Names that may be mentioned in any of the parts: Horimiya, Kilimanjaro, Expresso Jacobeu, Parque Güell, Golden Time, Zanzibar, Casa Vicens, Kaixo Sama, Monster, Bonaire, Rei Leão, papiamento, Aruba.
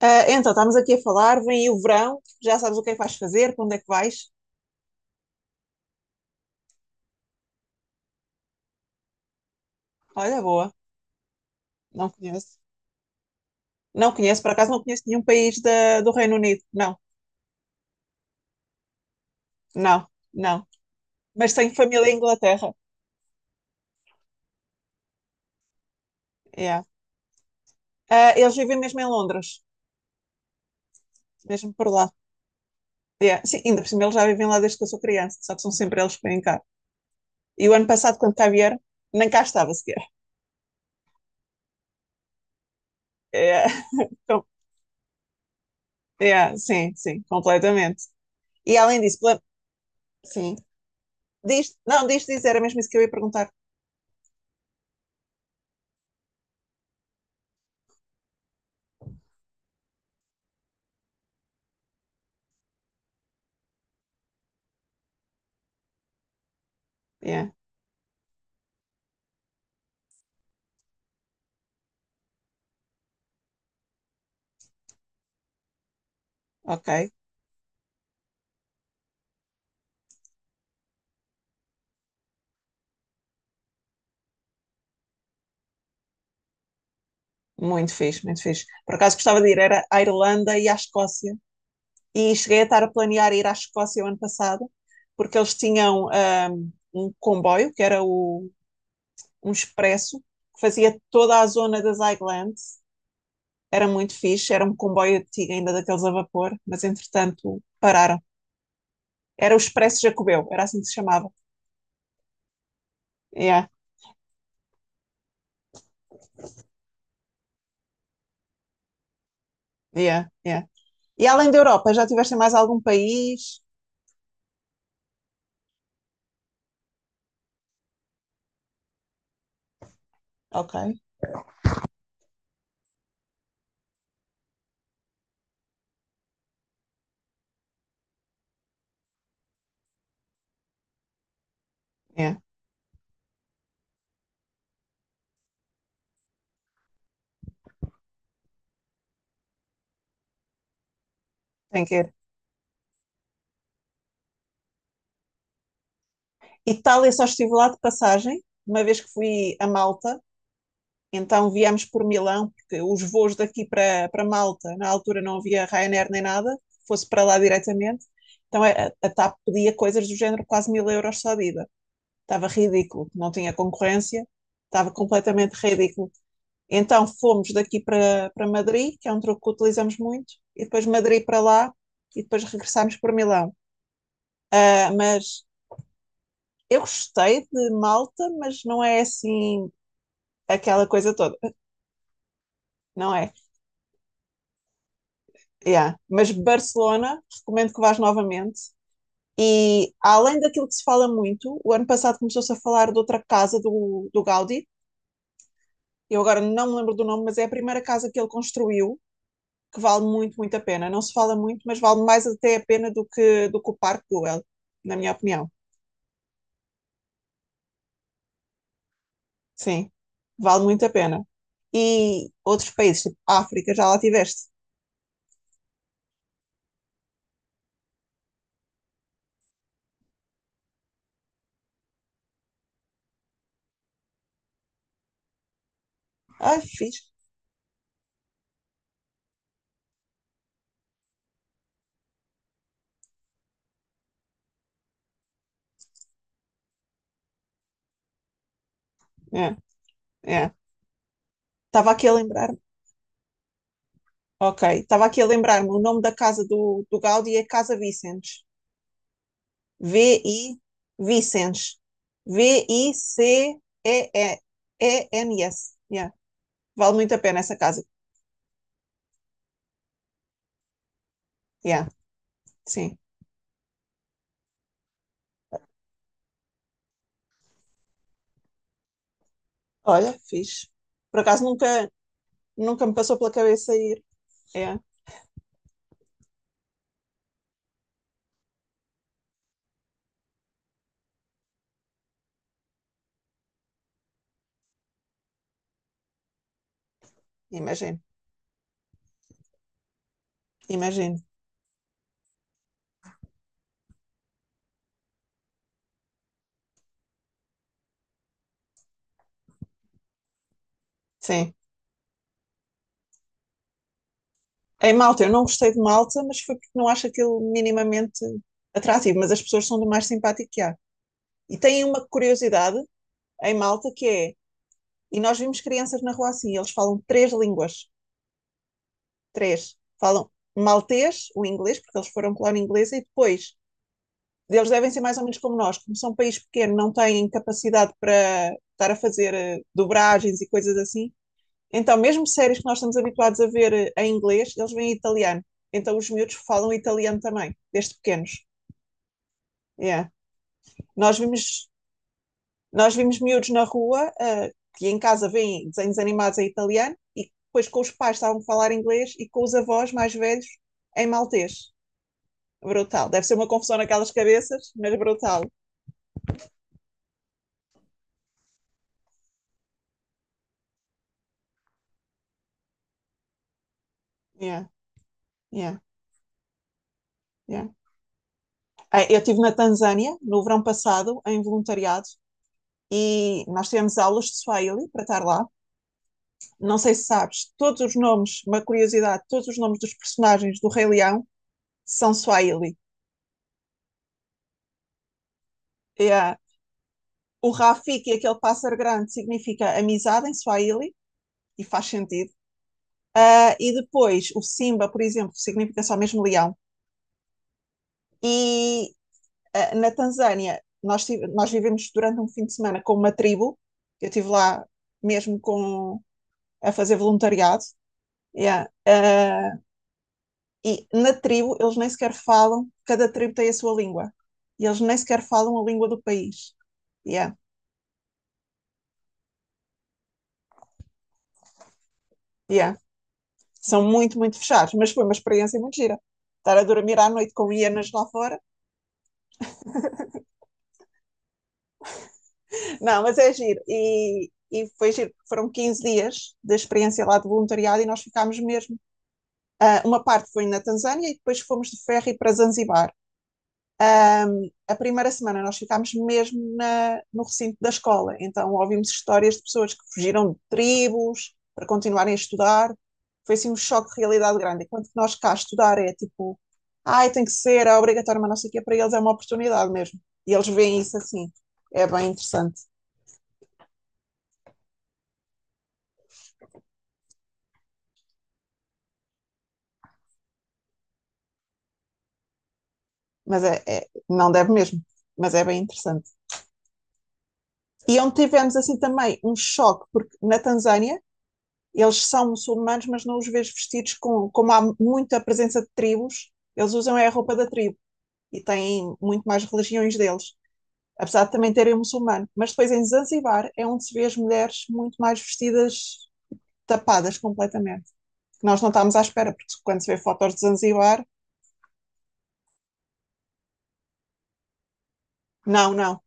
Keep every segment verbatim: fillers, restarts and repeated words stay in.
Ah, então, estamos aqui a falar, vem aí o verão, já sabes o que é que vais fazer, para onde é que vais? Olha, boa, não conheço. Não conheço, por acaso não conheço nenhum país da- do Reino Unido. Não, não, não. Mas tenho família em Inglaterra. Yeah. Ah, eles vivem mesmo em Londres, mesmo por lá. Yeah. Sim, ainda por cima eles já vivem lá desde que eu sou criança, só que são sempre eles que vêm cá. E o ano passado, quando cá vieram, nem cá estava sequer. Yeah. Com- yeah, sim, sim, completamente. E além disso, pela- sim, diz, não, diz dizer, era mesmo isso que eu ia perguntar. Yeah. Ok, muito fixe, muito fixe. Por acaso gostava de ir, era à Irlanda e à Escócia. E cheguei a estar a planear ir à Escócia o ano passado, porque eles tinham ahm, um comboio, que era o, um expresso, que fazia toda a zona das Highlands. Era muito fixe, era um comboio antigo ainda daqueles a vapor, mas entretanto pararam. Era o Expresso Jacobeu, era assim que se chamava. Yeah, yeah, yeah. E além da Europa, já tiveste em mais algum país? Ok, yeah, tem que ir. Itália só estive lá de passagem, uma vez que fui a Malta, então viemos por Milão, porque os voos daqui para, para Malta, na altura não havia Ryanair nem nada, fosse para lá diretamente. Então é, a, a TAP pedia coisas do género quase mil euros só de ida. Estava ridículo, não tinha concorrência, estava completamente ridículo. Então fomos daqui para, para Madrid, que é um truque que utilizamos muito, e depois Madrid para lá, e depois regressámos para Milão. Ah, mas eu gostei de Malta, mas não é assim aquela coisa toda, não é? Yeah. Mas Barcelona, recomendo que vás novamente. E além daquilo que se fala muito, o ano passado começou-se a falar de outra casa do, do Gaudí. Eu agora não me lembro do nome, mas é a primeira casa que ele construiu, que vale muito, muito a pena. Não se fala muito, mas vale mais até a pena do que, do que o Parque Güell, na minha opinião. Sim, vale muito a pena. E outros países, tipo África, já lá tiveste. Ai, fiz. É, é. Estava aqui a lembrar Ok, estava aqui a lembrar-me, o nome da casa do, do Gaudi é Casa Vicens. V-I Vicens. V I C E E N S. Yeah. Vale muito a pena essa casa. Yeah, sim. Olha, fixe. Por acaso nunca, nunca me passou pela cabeça ir. É, imagino, imagino. Sim. Em Malta, eu não gostei de Malta, mas foi porque não acho aquilo minimamente atrativo, mas as pessoas são do mais simpático que há. E têm uma curiosidade em Malta que é. E nós vimos crianças na rua assim, eles falam três línguas, três. Falam maltês, o inglês, porque eles foram colónia inglesa, e depois eles devem ser mais ou menos como nós, como são um país pequeno, não têm capacidade para estar a fazer eh, dobragens e coisas assim. Então, mesmo séries que nós estamos habituados a ver eh, em inglês, eles vêm em italiano. Então, os miúdos falam italiano também, desde pequenos. Yeah. Nós vimos Nós vimos miúdos na rua ah, que em casa veem desenhos animados em italiano e depois com os pais estavam a falar inglês e com os avós mais velhos em maltês. Brutal. Deve ser uma confusão naquelas cabeças, mas brutal. Yeah, yeah, yeah. Ah, Eu estive na Tanzânia no verão passado em voluntariado e nós tivemos aulas de Swahili para estar lá. Não sei se sabes, todos os nomes, uma curiosidade, todos os nomes dos personagens do Rei Leão são Swahili. É. O Rafiki, aquele pássaro grande, significa amizade em Swahili e faz sentido. Ah, e depois o Simba, por exemplo, significa só mesmo leão. E ah, na Tanzânia, nós, nós vivemos durante um fim de semana com uma tribo. Eu estive lá mesmo com, a fazer voluntariado. Yeah. Ah, e na tribo, eles nem sequer falam, cada tribo tem a sua língua. E eles nem sequer falam a língua do país. Yeah. Yeah. São muito, muito fechados, mas foi uma experiência muito gira. Estar a dormir à noite com hienas lá fora. Não, mas é giro. E, e foi giro, foram quinze dias da experiência lá de voluntariado e nós ficámos mesmo. Uh, uma parte foi na Tanzânia e depois fomos de ferry para Zanzibar. A primeira semana nós ficámos mesmo na, no recinto da escola, então ouvimos histórias de pessoas que fugiram de tribos para continuarem a estudar. Foi assim um choque de realidade grande. Enquanto que nós cá estudar é tipo, ai, tem que ser, é obrigatório, mas não sei o quê, para eles é uma oportunidade mesmo. E eles veem isso assim. É bem interessante, mas é, é não deve mesmo, mas é bem interessante. E é onde tivemos assim também um choque, porque na Tanzânia eles são muçulmanos, mas não os vejo vestidos com, como há muita presença de tribos, eles usam é a roupa da tribo e têm muito mais religiões deles, apesar de também terem muçulmano. Mas depois em Zanzibar é onde se vê as mulheres muito mais vestidas, tapadas completamente. Nós não estávamos à espera, porque quando se vê fotos de Zanzibar, não, não,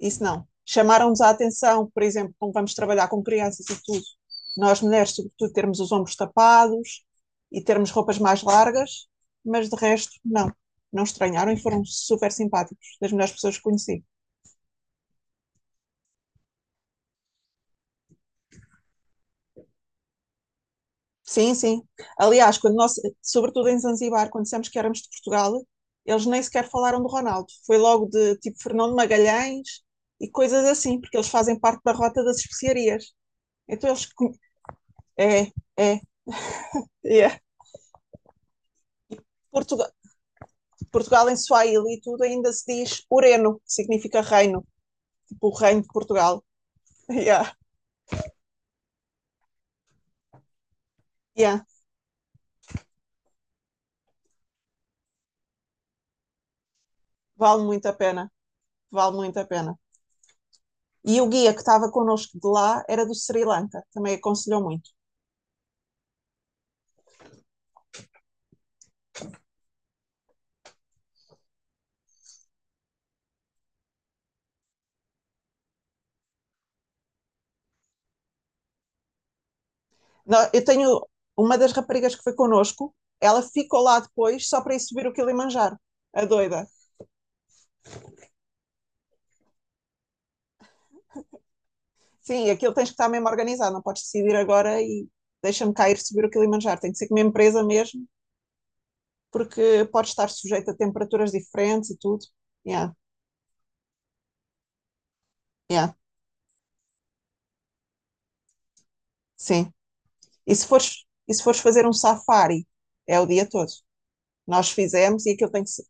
isso não. Chamaram-nos a atenção, por exemplo, como vamos trabalhar com crianças e tudo, nós mulheres, sobretudo, termos os ombros tapados e termos roupas mais largas, mas de resto, não. Não estranharam e foram super simpáticos, das melhores pessoas que conheci. Sim, sim. Aliás, quando nós, sobretudo em Zanzibar, quando dissemos que éramos de Portugal, eles nem sequer falaram do Ronaldo. Foi logo de tipo Fernando Magalhães e coisas assim, porque eles fazem parte da rota das especiarias. Então eles. É, é, é. Portugal Portugal em Swahili e tudo ainda se diz Ureno, que significa reino, tipo o reino de Portugal. Yeah, yeah, vale muito a pena, vale muito a pena. E o guia que estava connosco de lá era do Sri Lanka, também aconselhou muito. Eu tenho uma das raparigas que foi connosco, ela ficou lá depois só para ir subir o Kilimanjaro, a doida. Sim, aquilo tens que estar mesmo organizado, não podes decidir agora e deixa-me cair subir o Kilimanjaro, tem que ser com uma empresa mesmo, porque pode estar sujeito a temperaturas diferentes e tudo. Yeah, yeah. Sim. E se fores, e se fores fazer um safari, é o dia todo. Nós fizemos e aquilo tem que ser,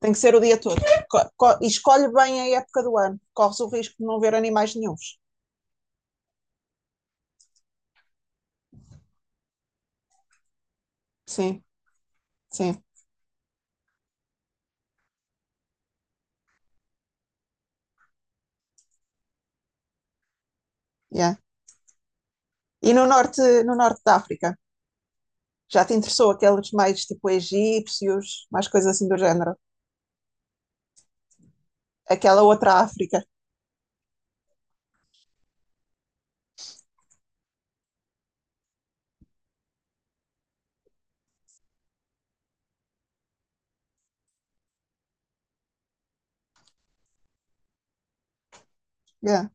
tem que ser o dia todo. Co- co- e escolhe bem a época do ano. Corres o risco de não ver animais nenhuns. Sim, sim. Yeah. E no norte, no norte da África? Já te interessou aqueles mais tipo egípcios, mais coisas assim do género? Aquela outra África. Yeah,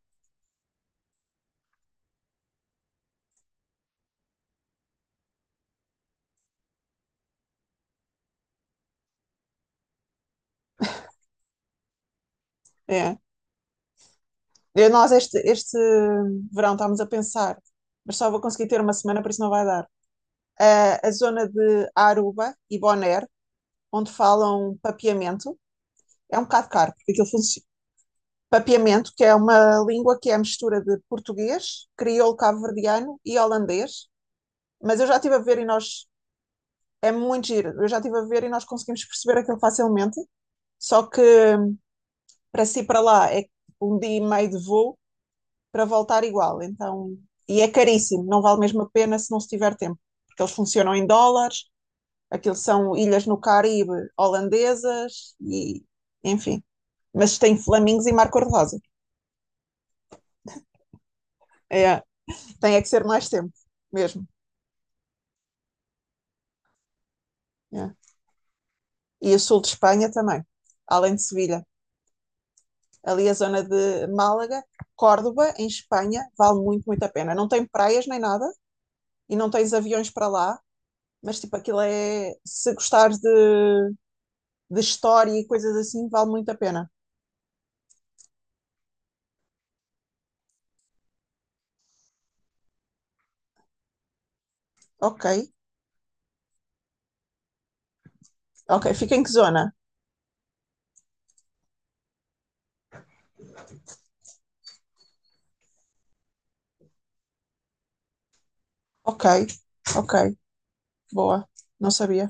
yeah. E nós este, este verão estávamos a pensar, mas só vou conseguir ter uma semana, por isso não vai dar. Ah, a zona de Aruba e Bonaire onde falam papiamento. É um bocado caro, porque aquilo funciona. Papiamento, que é uma língua que é a mistura de português, crioulo cabo-verdiano e holandês. Mas eu já estive a ver e nós. É muito giro. Eu já estive a ver e nós conseguimos perceber aquilo facilmente. Só que para si para lá é um dia e meio de voo para voltar igual. Então, e é caríssimo, não vale mesmo a pena se não se tiver tempo, porque eles funcionam em dólares, aquilo são ilhas no Caribe holandesas e enfim, mas tem flamingos e mar cor-de-rosa. É, tem é que ser mais tempo, mesmo. É. E o sul de Espanha também, além de Sevilha. Ali a zona de Málaga, Córdoba, em Espanha, vale muito, muito a pena. Não tem praias nem nada, e não tens aviões para lá, mas tipo, aquilo é. Se gostares de, de história e coisas assim, vale muito a pena. Ok, ok. Fica em que zona? Ok, ok. Boa, não sabia.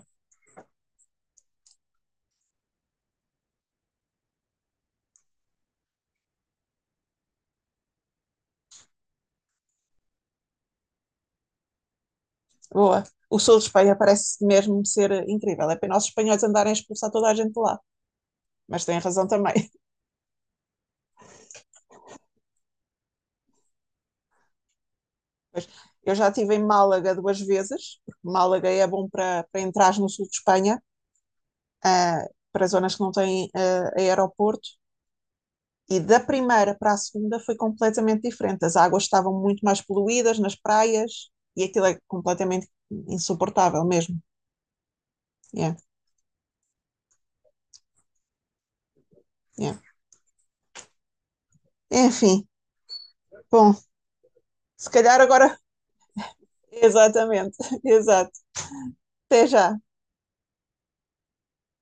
Boa. O sul de Espanha parece mesmo ser incrível. É pena os espanhóis andarem a expulsar toda a gente de lá. Mas têm razão também. Mas eu já estive em Málaga duas vezes, porque Málaga é bom para, para entrar no sul de Espanha, ah, para zonas que não têm ah, aeroporto. E da primeira para a segunda foi completamente diferente. As águas estavam muito mais poluídas nas praias e aquilo é completamente insuportável mesmo. Yeah, yeah. Enfim, bom, se calhar agora. Exatamente, exato. Até já.